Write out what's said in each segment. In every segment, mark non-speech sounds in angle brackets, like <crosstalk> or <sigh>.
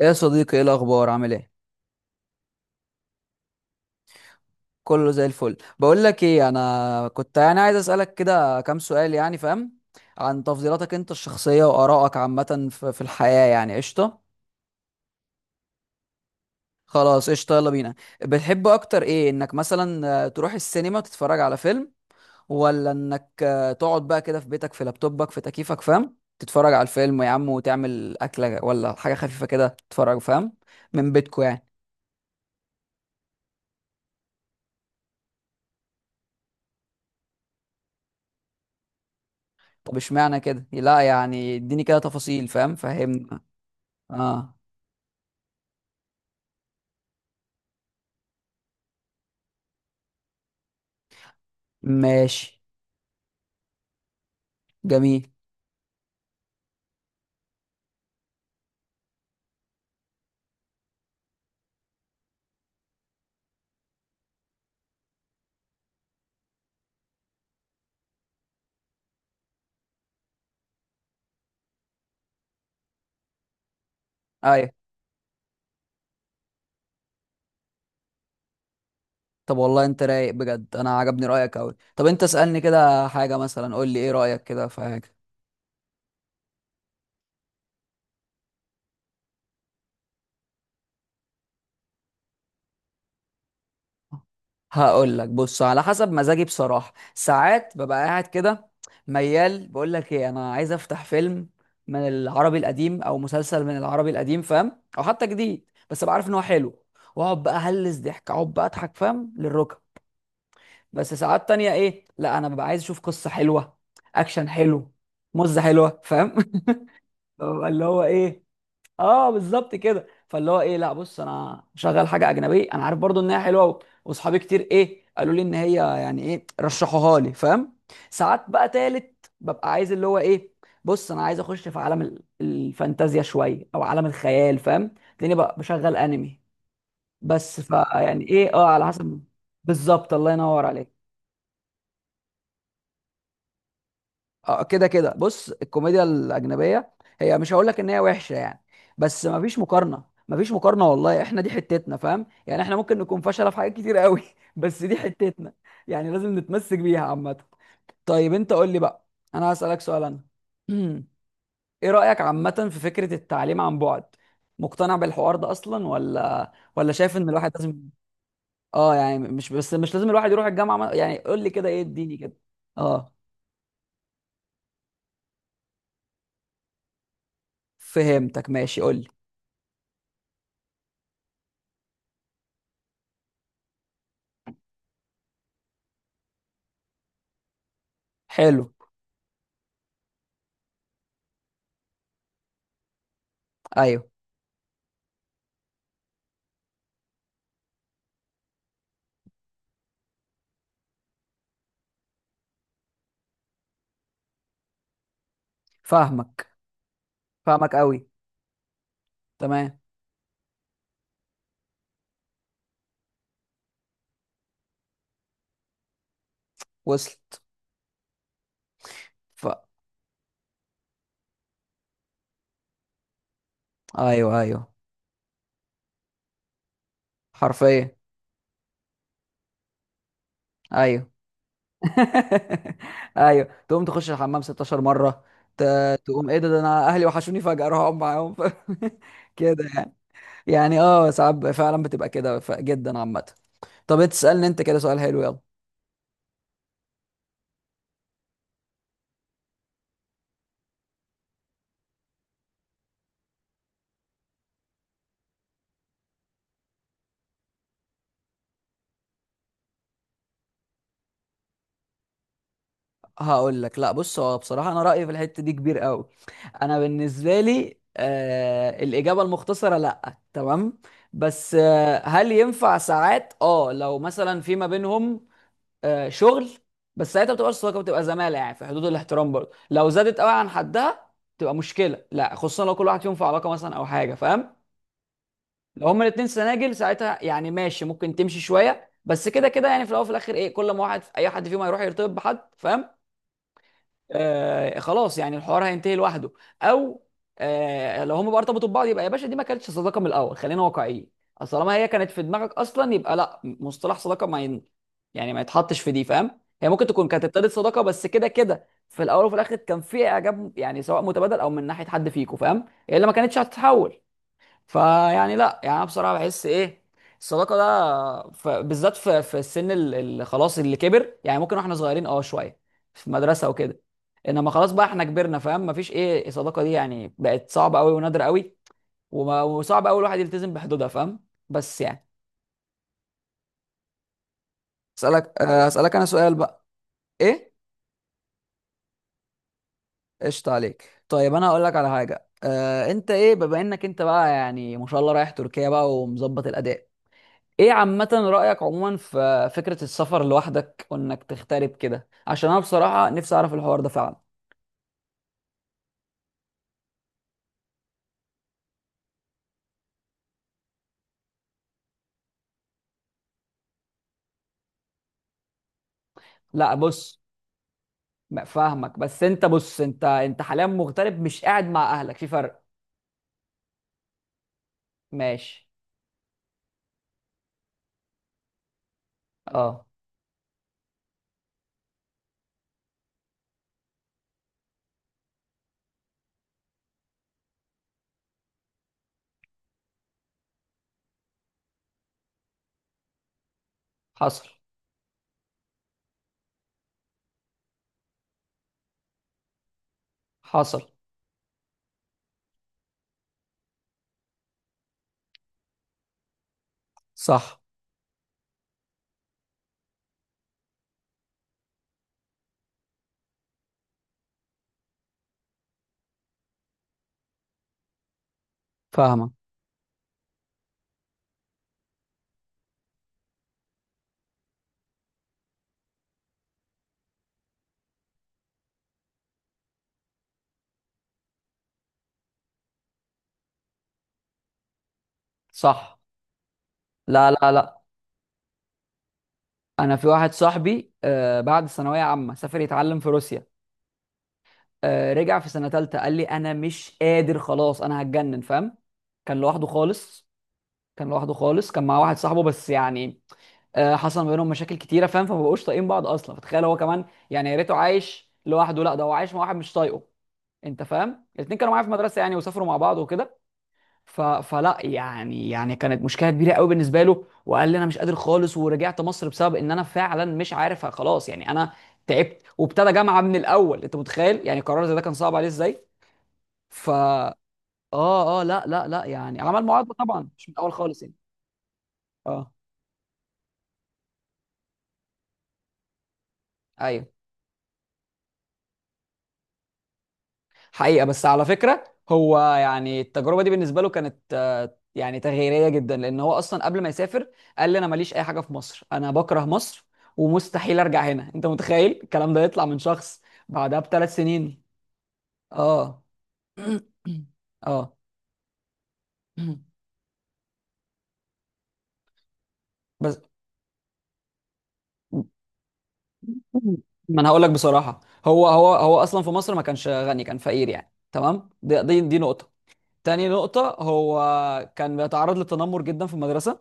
ايه يا صديقي، ايه الاخبار؟ عامل ايه؟ كله زي الفل. بقول لك ايه، انا كنت يعني عايز اسالك كده كام سؤال يعني، فاهم؟ عن تفضيلاتك انت الشخصيه وارائك عامه في الحياه يعني. قشطه. خلاص قشطه، يلا بينا. بتحب اكتر ايه انك مثلا تروح السينما تتفرج على فيلم، ولا انك تقعد بقى كده في بيتك، في لابتوبك، في تكييفك، فاهم، تتفرج على الفيلم يا عم وتعمل اكله ولا حاجه خفيفه كده تتفرج، فاهم؟ من بيتكو يعني. طب اشمعنى كده؟ لا يعني اديني كده تفاصيل، فاهم، فهمني. اه. ماشي. جميل. ايوه. طب والله انت رايق بجد، انا عجبني رايك قوي. طب انت اسالني كده حاجه، مثلا قول لي ايه رايك كده في حاجه؟ هقول لك، بص، على حسب مزاجي بصراحه. ساعات ببقى قاعد كده ميال، بقول لك ايه، انا عايز افتح فيلم من العربي القديم، او مسلسل من العربي القديم، فاهم، او حتى جديد بس ابقى عارف ان هو حلو، واقعد بقى هلس ضحك، اقعد بقى اضحك فاهم للركب. بس ساعات تانية، ايه، لا انا ببقى عايز اشوف قصة حلوة، اكشن حلو، مزة حلوة، فاهم. <laughs> ببقى اللي هو ايه. اه بالظبط كده، فاللي هو ايه، لا بص انا شغال حاجة اجنبية انا عارف برضو انها حلوة واصحابي كتير ايه قالوا لي ان هي يعني ايه رشحوها لي، فاهم. ساعات بقى تالت ببقى عايز اللي هو ايه، بص انا عايز اخش في عالم الفانتازيا شوية، او عالم الخيال، فاهم. لاني بقى بشغل انمي، بس فيعني ايه اه، على حسب. بالظبط، الله ينور عليك. اه كده كده، بص، الكوميديا الاجنبيه، هي مش هقول لك ان هي وحشه يعني، بس ما فيش مقارنه، ما فيش مقارنه، والله احنا دي حتتنا، فاهم؟ يعني احنا ممكن نكون فشله في حاجات كتير قوي <laughs> بس دي حتتنا. يعني لازم نتمسك بيها عامه. طيب انت قول لي بقى، انا هسالك سؤال انا. <clears throat> ايه رايك عامه في فكره التعليم عن بعد؟ مقتنع بالحوار ده اصلا، ولا شايف ان الواحد لازم، اه يعني مش، بس مش لازم الواحد يروح الجامعه يعني، قول لي كده ايه، اديني كده. اه. فهمتك، ماشي، قول لي. حلو. ايوه. فاهمك. فاهمك قوي. تمام. وصلت. ف... ايوه، ايوه. حرفيا. ايوه. <laughs> ايوه، تقوم تخش الحمام 16 مره، ت... تقوم ايه ده انا اهلي وحشوني فجاه اروح اقعد معاهم. <laughs> كده يعني. يعني اه، ساعات فعلا بتبقى كده جدا عامه. طب تسالني انت كده سؤال حلو، يلا. هقول لك، لا بص، هو بصراحه انا رايي في الحته دي كبير قوي. انا بالنسبه لي، الاجابه المختصره لا، تمام. بس هل ينفع ساعات اه لو مثلا في ما بينهم شغل، بس ساعتها بتبقى صداقه، بتبقى زماله يعني، في حدود الاحترام. برضه لو زادت قوي عن حدها تبقى مشكله. لا خصوصا لو كل واحد فيهم في علاقه مثلا او حاجه، فاهم. لو هما الاتنين سناجل، ساعتها يعني ماشي، ممكن تمشي شويه بس كده كده يعني، في الاول وفي الاخر ايه، كل ما واحد اي حد فيهم هيروح يرتبط بحد، فاهم. خلاص يعني الحوار هينتهي لوحده، او لو هم بقى ارتبطوا ببعض، يبقى يا باشا دي ما كانتش صداقه من الاول، خلينا واقعيين. اصل طالما هي كانت في دماغك اصلا، يبقى لا مصطلح صداقه ما ين... يعني ما يتحطش في دي، فاهم. هي ممكن تكون كانت ابتدت صداقه بس كده كده في الاول وفي الاخر كان في اعجاب يعني، سواء متبادل او من ناحيه حد فيكم، فاهم. هي اللي ما كانتش هتتحول. فيعني لا يعني انا بصراحه بحس ايه الصداقه ده، بالذات في السن اللي خلاص اللي كبر يعني، ممكن واحنا صغيرين اه شويه في مدرسه وكده، انما خلاص بقى احنا كبرنا، فاهم، مفيش ايه الصداقه دي، يعني بقت صعبه قوي ونادره قوي وصعب قوي الواحد يلتزم بحدودها، فاهم، بس يعني. اسالك انا سؤال بقى. ايه؟ قشطة عليك. طيب انا هقول لك على حاجه، انت ايه، بما انك انت بقى يعني ما شاء الله رايح تركيا بقى ومظبط الاداء، ايه عامة رأيك عموما في فكرة السفر لوحدك وانك تغترب كده، عشان انا بصراحة نفسي اعرف الحوار ده فعلا. لا بص، ما فاهمك، بس انت بص، انت حاليا مغترب مش قاعد مع اهلك، في فرق. ماشي. اه. حصل. حصل. صح. فاهمك. صح. لا، لا، لا. انا في واحد صاحبي بعد ثانوية عامة سافر يتعلم في روسيا. رجع في سنة تالتة قال لي انا مش قادر خلاص انا هتجنن، فاهم. كان لوحده خالص. كان لوحده خالص، كان مع واحد صاحبه بس يعني حصل ما بينهم مشاكل كتيره، فاهم، فما بقوش طايقين بعض اصلا، فتخيل هو كمان، يعني يا ريته عايش لوحده، لا ده هو عايش مع واحد مش طايقه. انت فاهم، الاتنين كانوا معايا في المدرسه يعني وسافروا مع بعض وكده، فلا يعني كانت مشكله كبيره قوي بالنسبه له، وقال لي انا مش قادر خالص ورجعت مصر بسبب ان انا فعلا مش عارف خلاص يعني، انا تعبت وابتدى جامعه من الاول. انت متخيل يعني قرار زي ده كان صعب عليه ازاي؟ ف، اه اه لا لا لا، يعني عمل معادله طبعا مش من الاول خالص يعني. اه. ايوه. حقيقة، بس على فكرة، هو يعني التجربة دي بالنسبة له كانت يعني تغييرية جدا، لأن هو أصلا قبل ما يسافر قال لي أنا ماليش أي حاجة في مصر، أنا بكره مصر، ومستحيل أرجع هنا. أنت متخيل الكلام ده يطلع من شخص؟ بعدها ب3 سنين. آه <coughs> <clears throat> آه <clears throat> بس ما أنا هقول لك بصراحة، هو أصلا في مصر ما كانش غني، كان فقير يعني، تمام، دي نقطة. تاني نقطة، هو كان بيتعرض للتنمر جدا في المدرسة،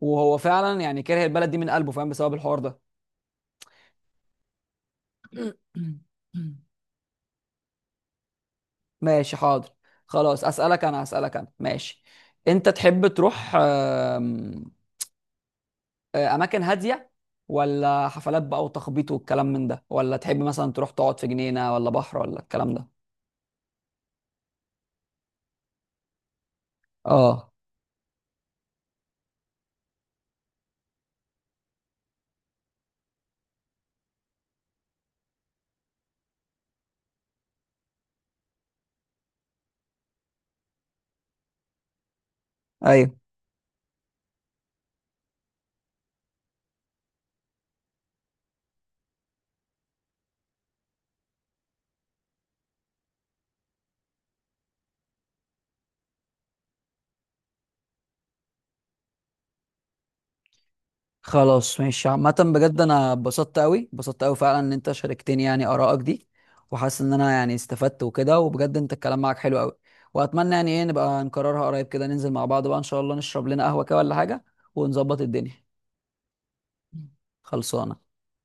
وهو فعلا يعني كاره البلد دي من قلبه، فاهم، بسبب الحوار ده. <coughs> <clears throat> ماشي، حاضر. خلاص، اسالك انا ماشي. انت تحب تروح اماكن هاديه، ولا حفلات بقى وتخبيط والكلام من ده، ولا تحب مثلا تروح تقعد في جنينه ولا بحر ولا الكلام ده؟ اه. ايوه. خلاص، ماشي، عامة بجد انا اتبسطت قوي، اتبسطت قوي فعلا ان انت شاركتني يعني ارائك دي، وحاسس ان انا يعني استفدت وكده، وبجد انت الكلام معاك حلو قوي، واتمنى يعني ايه نبقى نكررها قريب كده، ننزل مع بعض بقى ان شاء الله نشرب لنا قهوة كده ولا حاجة، ونظبط الدنيا. خلصانة.